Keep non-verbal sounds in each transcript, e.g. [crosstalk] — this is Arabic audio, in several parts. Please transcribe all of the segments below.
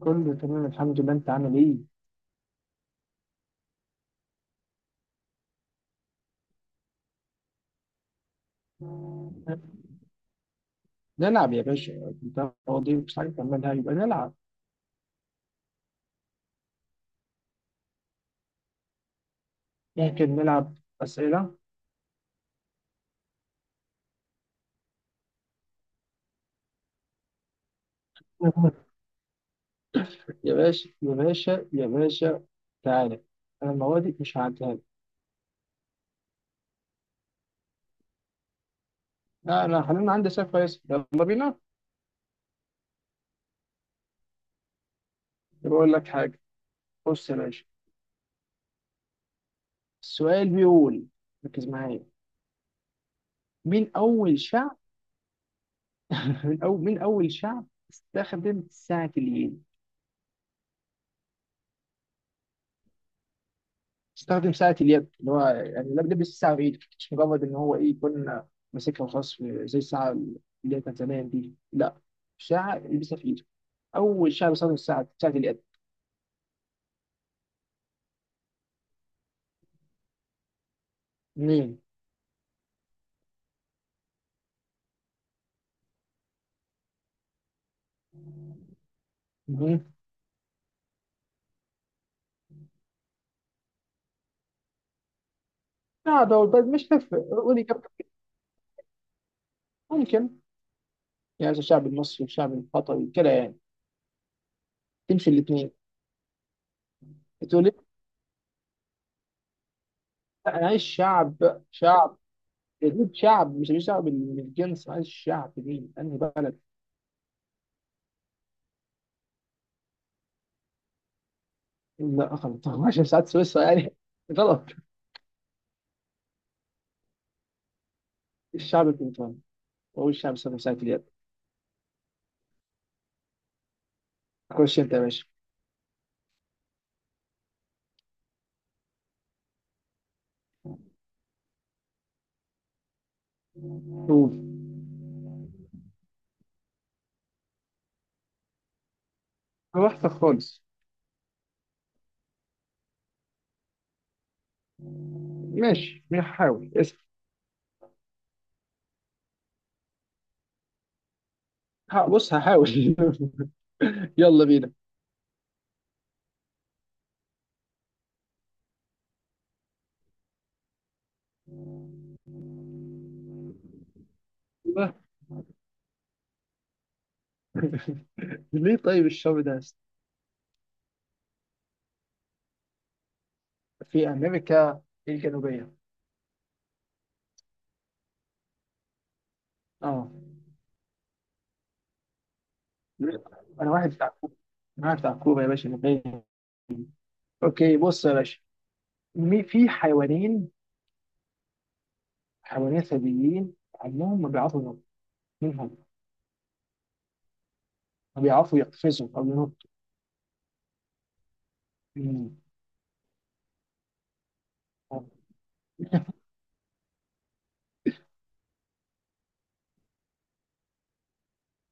كله تمام الحمد لله. انت عامل ايه؟ نلعب يا باشا. انت فاضي مش عارف تعملها يبقى نلعب. ممكن نلعب اسئله. يا باشا يا باشا يا باشا، تعالى. انا المواد مش هعديها لك. لا انا خلينا عندي سؤال كويس، يلا بينا. بقول لك حاجه، بص يا باشا، السؤال بيقول، ركز معايا. مين اول شعب [laughs] من اول مين اول شعب استخدم ساعه اليد؟ استخدم ساعة اليد، اللي هو يعني لبس الساعة بإيدك، مش مجرد إن هو إيه، يكون ماسكها وخلاص زي الساعة اللي هي كانت زمان دي، لا ساعة يلبسها في إيده. أول شيء بيستخدم الساعة، ساعة اليد. مين؟ مين؟ لا دول بس مش هتفرق، قولي كم ممكن. يعني الشعب المصري والشعب القطري كده يعني، تمشي الاثنين. تقول لي؟ لا، أنا عايز شعب شعب يجيب شعب، مش شعب من الجنس. أنا عايز شعب مين؟ أنهي بلد؟ لا خلاص [laughs] 12 ساعات سويسرا يعني. [laughs] غلط. الشعب البريطاني، وأقول خمسة من ساعة اليد. خش أنت يا باشا. قول. وحشة خالص. ماشي هحاول اسم. بص هحاول. [laughs] يلا بينا. الله. [laughs] ليه طيب الشعب ده؟ في أمريكا الجنوبية. اه. أنا واحد بتاع كوبا. أنا واحد بتاع كوبا يا باشا. من، أوكي بص يا باشا، في حيوانين، حيوانين ثديين، عمهم ما بيعرفوا ينطوا منهم. ما بيعرفوا يقفزوا أو ينطوا. مم.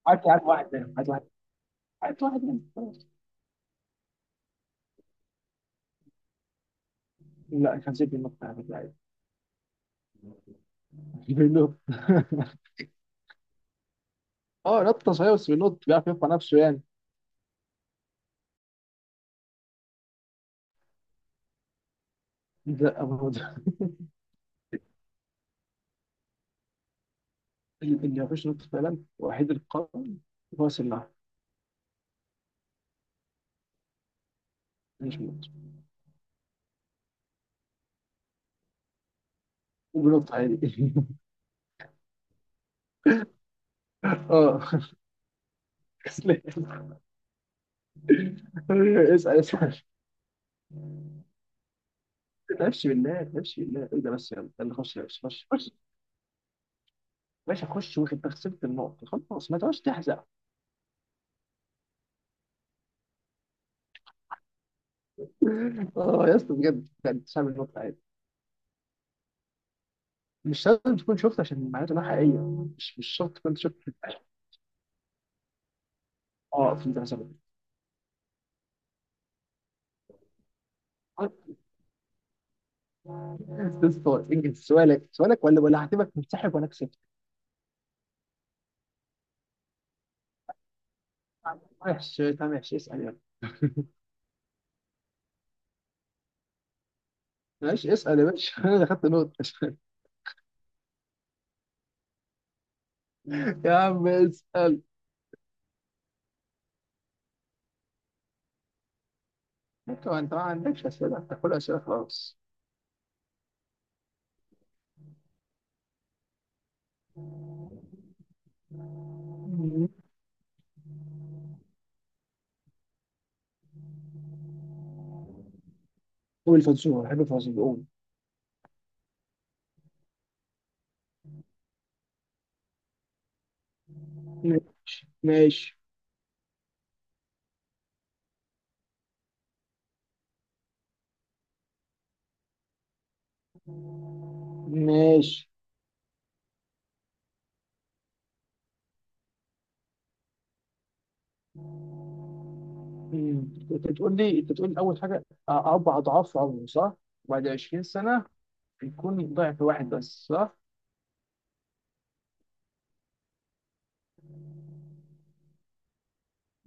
عارف عارف واحد منهم، عارف واحد، عارف واحد منهم. لا كان سيبني النط يعني لعيب. [laughs] بينط؟ [laughs] اه، نطه صحيح، بس بينط بيعرف يرفع نفسه يعني. لا أبدا. اللي ما فيش نط فعلا وحيد القرن، هو سلاح، مش بينط. وبينط عادي. [laughs] اه كسلان. [laughs] اسال اسال. ما تلعبش بالله، ما تلعبش بالله، ايه ده بس، يلا يلا خش يا باشا، خش خش. باشا خش، واخد تخسرت النقط خلاص، ما تقعدش تحزق. اه يا اسطى بجد بجد، صعب النقط عادي. مش لازم تكون شفت، عشان معناته انها حقيقيه، مش شرط تكون شفت. اه فهمت، حسب. تسطر انجز سؤالك سؤالك، ولا هعتبرك منسحب وانا كسبت. وحش، طب ماشي اسال يلا. ماشي اسال يا باشا. [laughs] انا اللي خدت نقطه. [laughs] يا عم اسال. انت ما عندكش اسئله، انت كل اسئله خلاص. قول الفزوره، بحب الفزوره، قول. ماشي ماشي ماشي. انت بتقول لي اول حاجه اربع اضعاف عمره صح؟ وبعد 20 سنه يكون ضعف واحد بس صح؟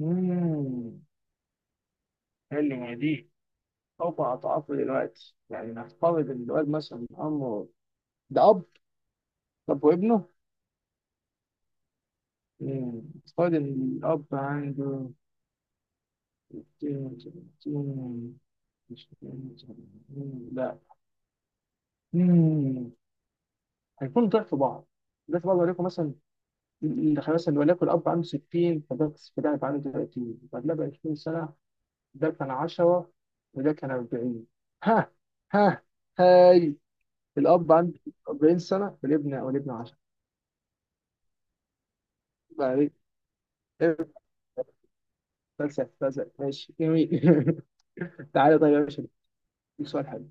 امم، حلوه دي. فوق أضعافه دلوقتي يعني، نفترض إن الواد مثلا عمره، ده أب، طب وابنه. مم. نفترض إن الأب عنده 60، 70، 60، 70، لا. مم. هيكون ضعف بعض، ضعف بعض، وليكن مثلا مثلا وليكن الأب عنده 60، فده فده هيبقى عنده 30، فده بقى 20 سنة، ده كان 10 وده كان 40. ها، ها، هاي. الأب عنده 40 سنة والابن 10. بقى إيه؟ فلسف فلسف، ماشي جميل. [laughs] تعالى طيب يا باشا، دي سؤال حلو.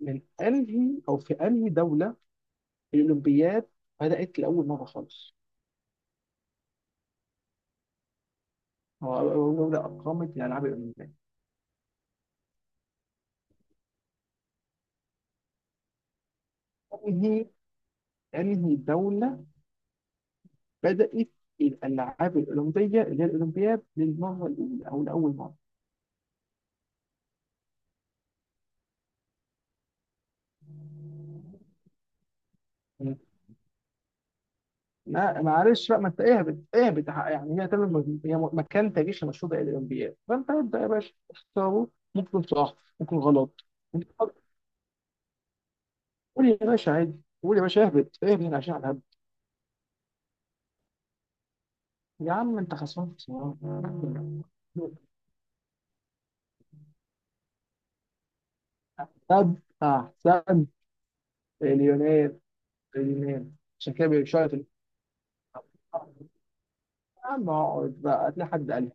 من انهي او في انهي دوله الاولمبياد بدات لاول مره خالص؟ هو اول دوله اقامت الالعاب الاولمبيه. انهي انهي دوله بدات الالعاب الاولمبيه اللي هي الاولمبياد للمره الاولى او لاول مره؟ مم. ما معلش بقى، ما انت اهبط اهبط يعني، هي تعمل هي مكان تاريخي مشهور للاولمبياد، فانت ابدا يا باشا اختاره، ممكن صح ممكن غلط. قول لي يا باشا عادي، قول يا باشا، اهبط اهبط عشان على الهبل. يا عم انت خسران خسران. طب احسن، اليونان، اليونان. عشان كده بيشارك يا عم اقعد بقى هتلاقي حد قال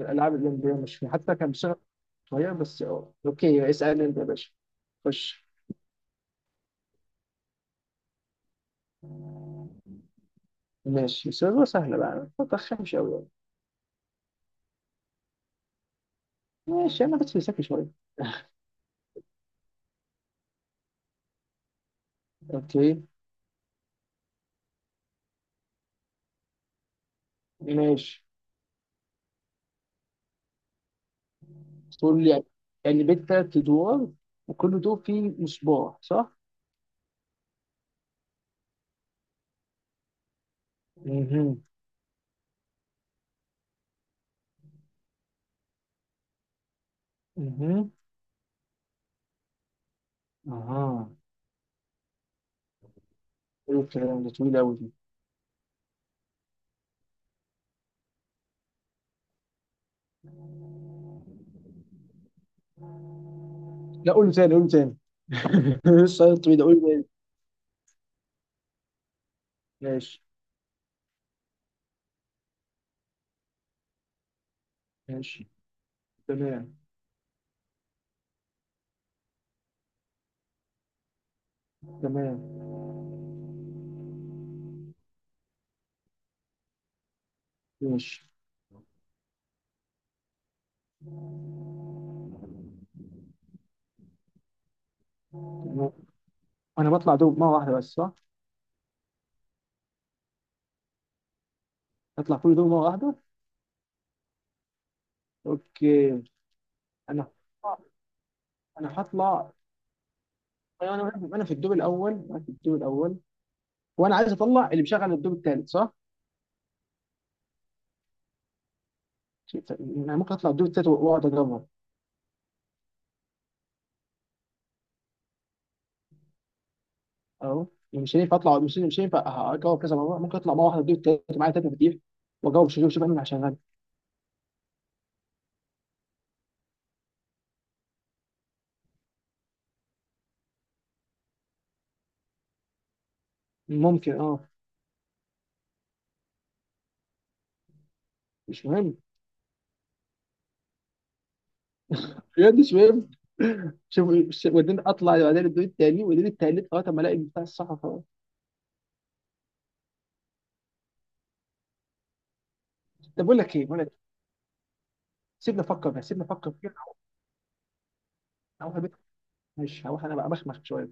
الالعاب الاولمبيه مش فيها حتى، كان بسرعه صغير بس اه. اوكي اسالني انت يا باشا، خش. ماشي سؤال سهله بقى، ما ترخمش قوي يعني. ماشي انا بس فلسفي شويه. اوكي. ماشي. تقول لي؟ يعني بيت تلات أدوار وكل دور فيه مصباح صح؟ مهم. مهم. اها. حلو الكلام. ده طويل أوي دي. لا قول تاني، قول تاني. [laughs] لسه قايل طويل؟ قول تاني. ماشي. ماشي، تمام. تمام. ماشي. تمام. أنا بطلع دور مرة واحدة بس صح؟ أطلع كل دور مرة واحدة. أوكي. أنا، أنا هطلع. أنا في الدور الأول، أنا في الدور الأول، وأنا عايز أطلع اللي مشغل الدور التالت صح؟ أنا ممكن أطلع الدور التالت وأقعد أجربها. اهو. مش هينفع اطلع، مش هينفع اجاوب كذا مره، ممكن اطلع مره واحده، بدي التالت معايا، تلاته كتير، واجاوب. شوف شوف انا عشان غني، ممكن اه. مش مهم، بجد مش مهم. [laughs] شوف، وبعدين اطلع بعدين الدور التاني، وبعدين التالت، اه طب ما الاقي بتاع الصح خلاص. طب بقول لك ايه، بقول لك إيه، سيبني افكر بقى، سيبني افكر فيها. هروح البيت، مش هروح، انا بقى بخمخ شويه.